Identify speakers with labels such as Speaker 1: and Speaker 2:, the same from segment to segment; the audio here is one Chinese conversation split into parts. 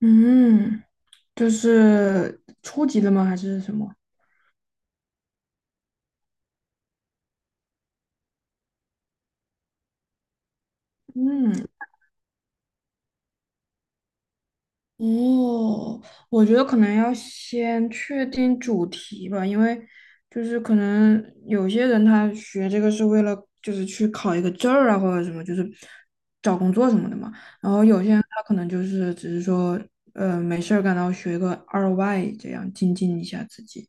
Speaker 1: 嗯，就是初级的吗？还是什么？嗯，哦，我觉得可能要先确定主题吧，因为就是可能有些人他学这个是为了就是去考一个证儿啊，或者什么，就是找工作什么的嘛。然后有些人他可能就是只是说，没事儿干，然后学个二外，这样精进一下自己。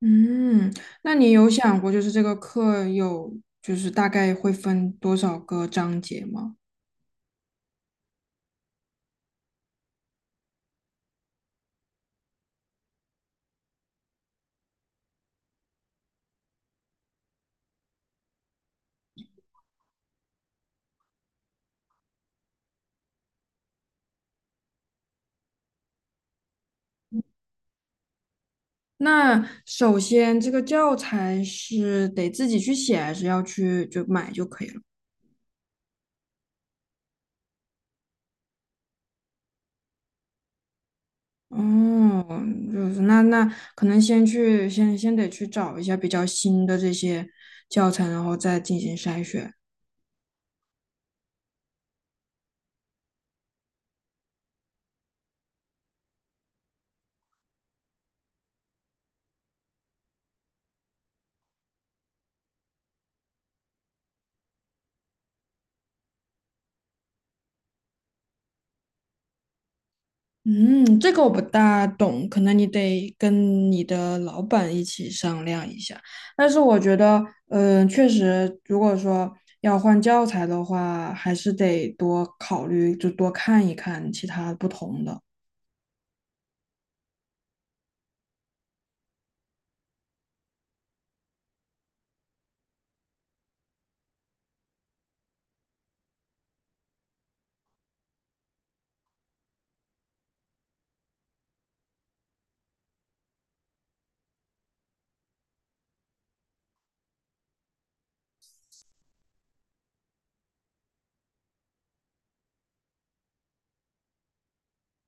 Speaker 1: 嗯，那你有想过，就是这个课有，就是大概会分多少个章节吗？那首先，这个教材是得自己去写，还是要去就买就可以了？哦，就是那可能先得去找一下比较新的这些教材，然后再进行筛选。嗯，这个我不大懂，可能你得跟你的老板一起商量一下。但是我觉得，确实，如果说要换教材的话，还是得多考虑，就多看一看其他不同的。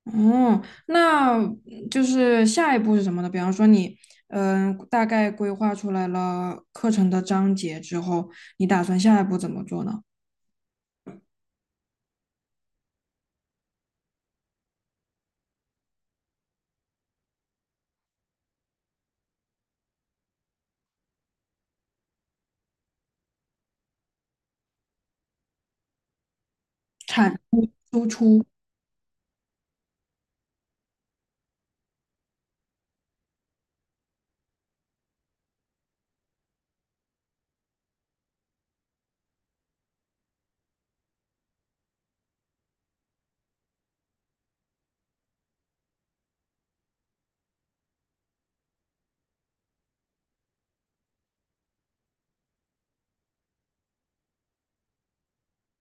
Speaker 1: 嗯，那就是下一步是什么呢？比方说你，大概规划出来了课程的章节之后，你打算下一步怎么做呢？产输出。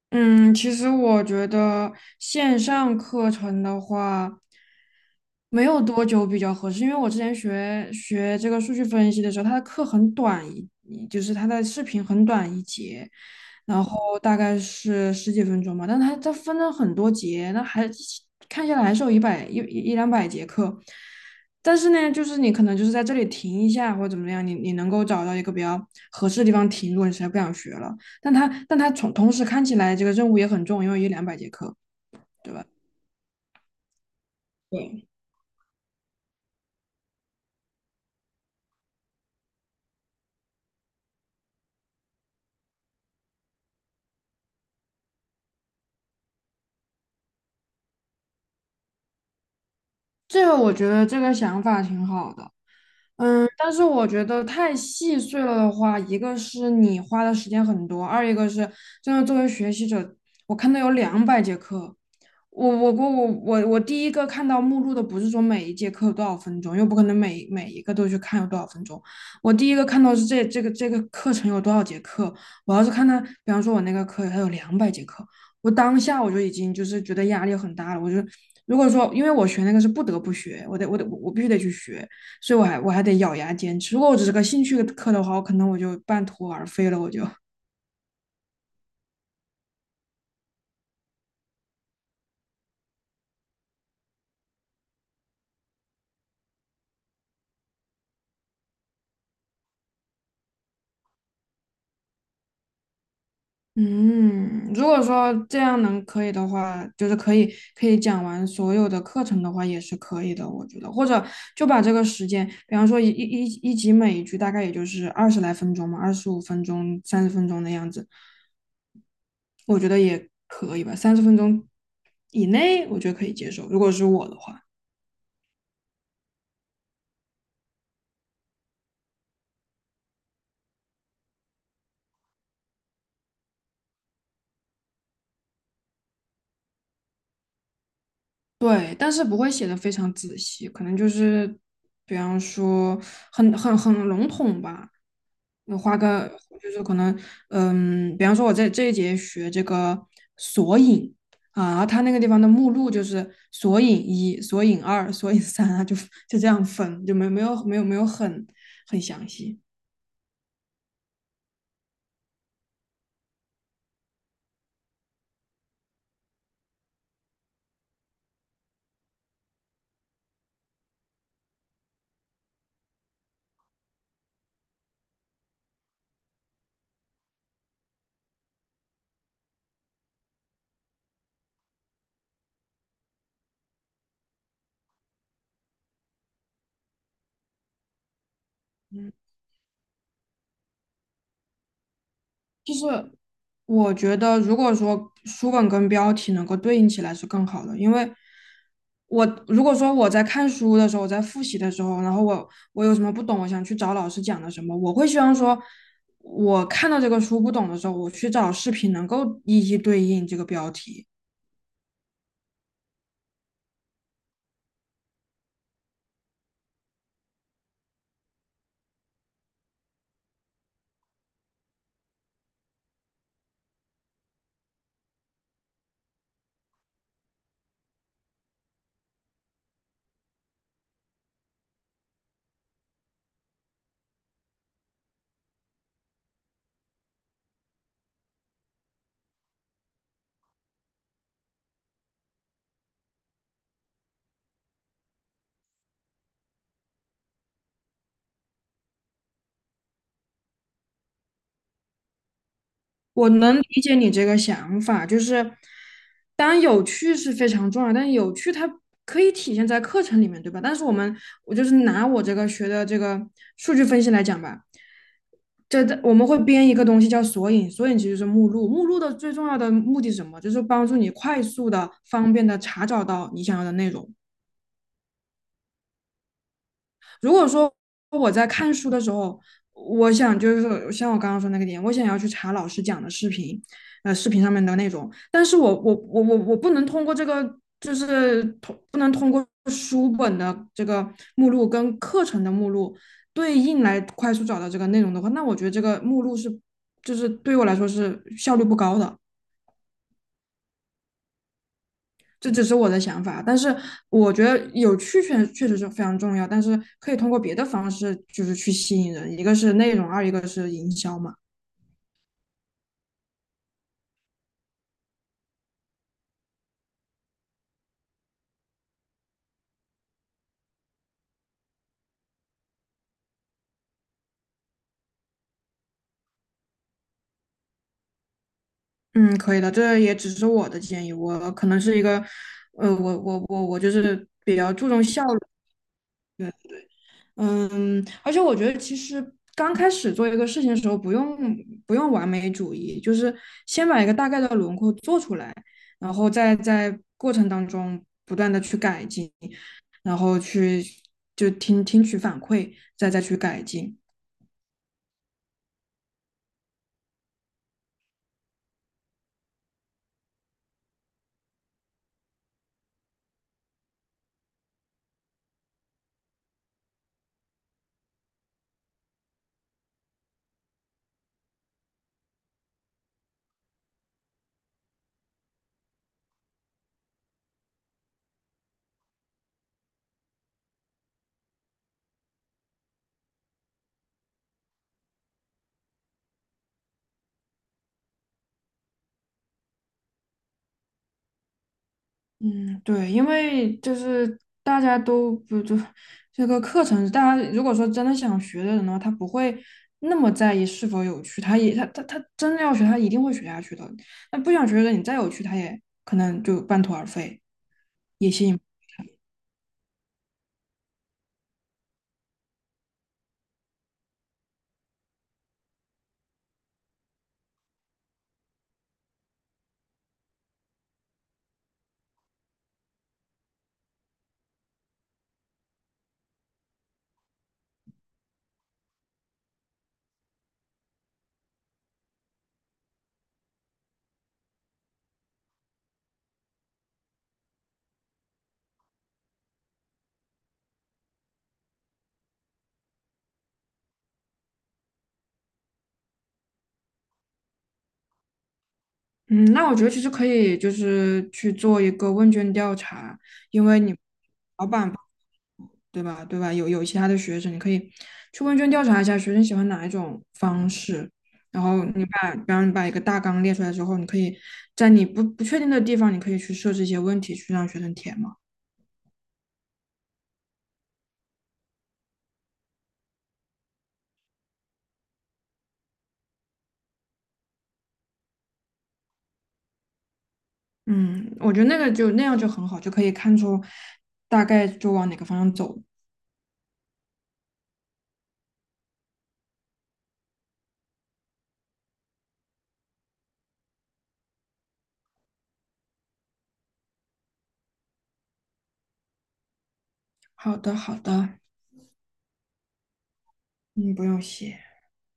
Speaker 1: 嗯，其实我觉得线上课程的话，没有多久比较合适，因为我之前学这个数据分析的时候，他的课很短就是他的视频很短一节，然后大概是十几分钟吧，但他分了很多节，那还看下来还是有一百一一一两百节课，但是呢，就是你可能就是在这里停一下或者怎么样，你能够找到一个比较合适的地方停，如果你实在不想学了。但他从同时看起来这个任务也很重，因为有两百节课，对吧？对，这个我觉得这个想法挺好的。嗯，但是我觉得太细碎了的话，一个是你花的时间很多，二一个是真的作为学习者，我看到有两百节课，我第一个看到目录的不是说每一节课有多少分钟，又不可能每一个都去看有多少分钟。我第一个看到是这个课程有多少节课。我要是看他，比方说我那个课它有两百节课，我当下我就已经就是觉得压力很大了。我就如果说因为我学那个是不得不学，我必须得去学，所以我还得咬牙坚持。如果我只是个兴趣课的话，我可能我就半途而废了，我就。嗯，如果说这样能可以的话，就是可以讲完所有的课程的话，也是可以的，我觉得。或者就把这个时间，比方说一集每一句大概也就是20来分钟嘛，25分钟、三十分钟的样子，我觉得也可以吧。三十分钟以内，我觉得可以接受。如果是我的话。对，但是不会写的非常仔细，可能就是比方说很笼统吧。你花个就是可能，比方说我在这一节学这个索引啊，然后它那个地方的目录就是索引一、索引二、索引三啊，就这样分，就没有很详细。嗯，就是我觉得，如果说书本跟标题能够对应起来是更好的，因为我如果说我在看书的时候，我在复习的时候，然后我有什么不懂，我想去找老师讲的什么，我会希望说，我看到这个书不懂的时候，我去找视频能够一一对应这个标题。我能理解你这个想法，就是当然有趣是非常重要，但是有趣它可以体现在课程里面，对吧？但是我们，我就是拿我这个学的这个数据分析来讲吧，这我们会编一个东西叫索引，索引其实是目录，目录的最重要的目的是什么？就是帮助你快速的、方便的查找到你想要的内容。如果说我在看书的时候，我想就是像我刚刚说那个点，我想要去查老师讲的视频，视频上面的内容，但是我不能通过这个，就是不能通过书本的这个目录跟课程的目录对应来快速找到这个内容的话，那我觉得这个目录是就是对我来说是效率不高的。这只是我的想法，但是我觉得有趣确实是非常重要，但是可以通过别的方式就是去吸引人，一个是内容，二一个是营销嘛。嗯，可以的，这也只是我的建议，我可能是一个，我就是比较注重效率。嗯，而且我觉得其实刚开始做一个事情的时候，不用完美主义，就是先把一个大概的轮廓做出来，然后再在过程当中不断的去改进，然后去听取反馈，再去改进。嗯，对，因为就是大家都不就这个课程，大家如果说真的想学的人的话，他不会那么在意是否有趣，他也他真的要学，他一定会学下去的。那不想学的人，你再有趣，他也可能就半途而废。也嗯，那我觉得其实可以，就是去做一个问卷调查，因为你老板对吧？对吧？有其他的学生，你可以去问卷调查一下学生喜欢哪一种方式，然后你把，比方你把一个大纲列出来之后，你可以在你不确定的地方，你可以去设置一些问题去让学生填嘛。嗯，我觉得那个就那样就很好，就可以看出大概就往哪个方向走。好的，好的，嗯，不用谢。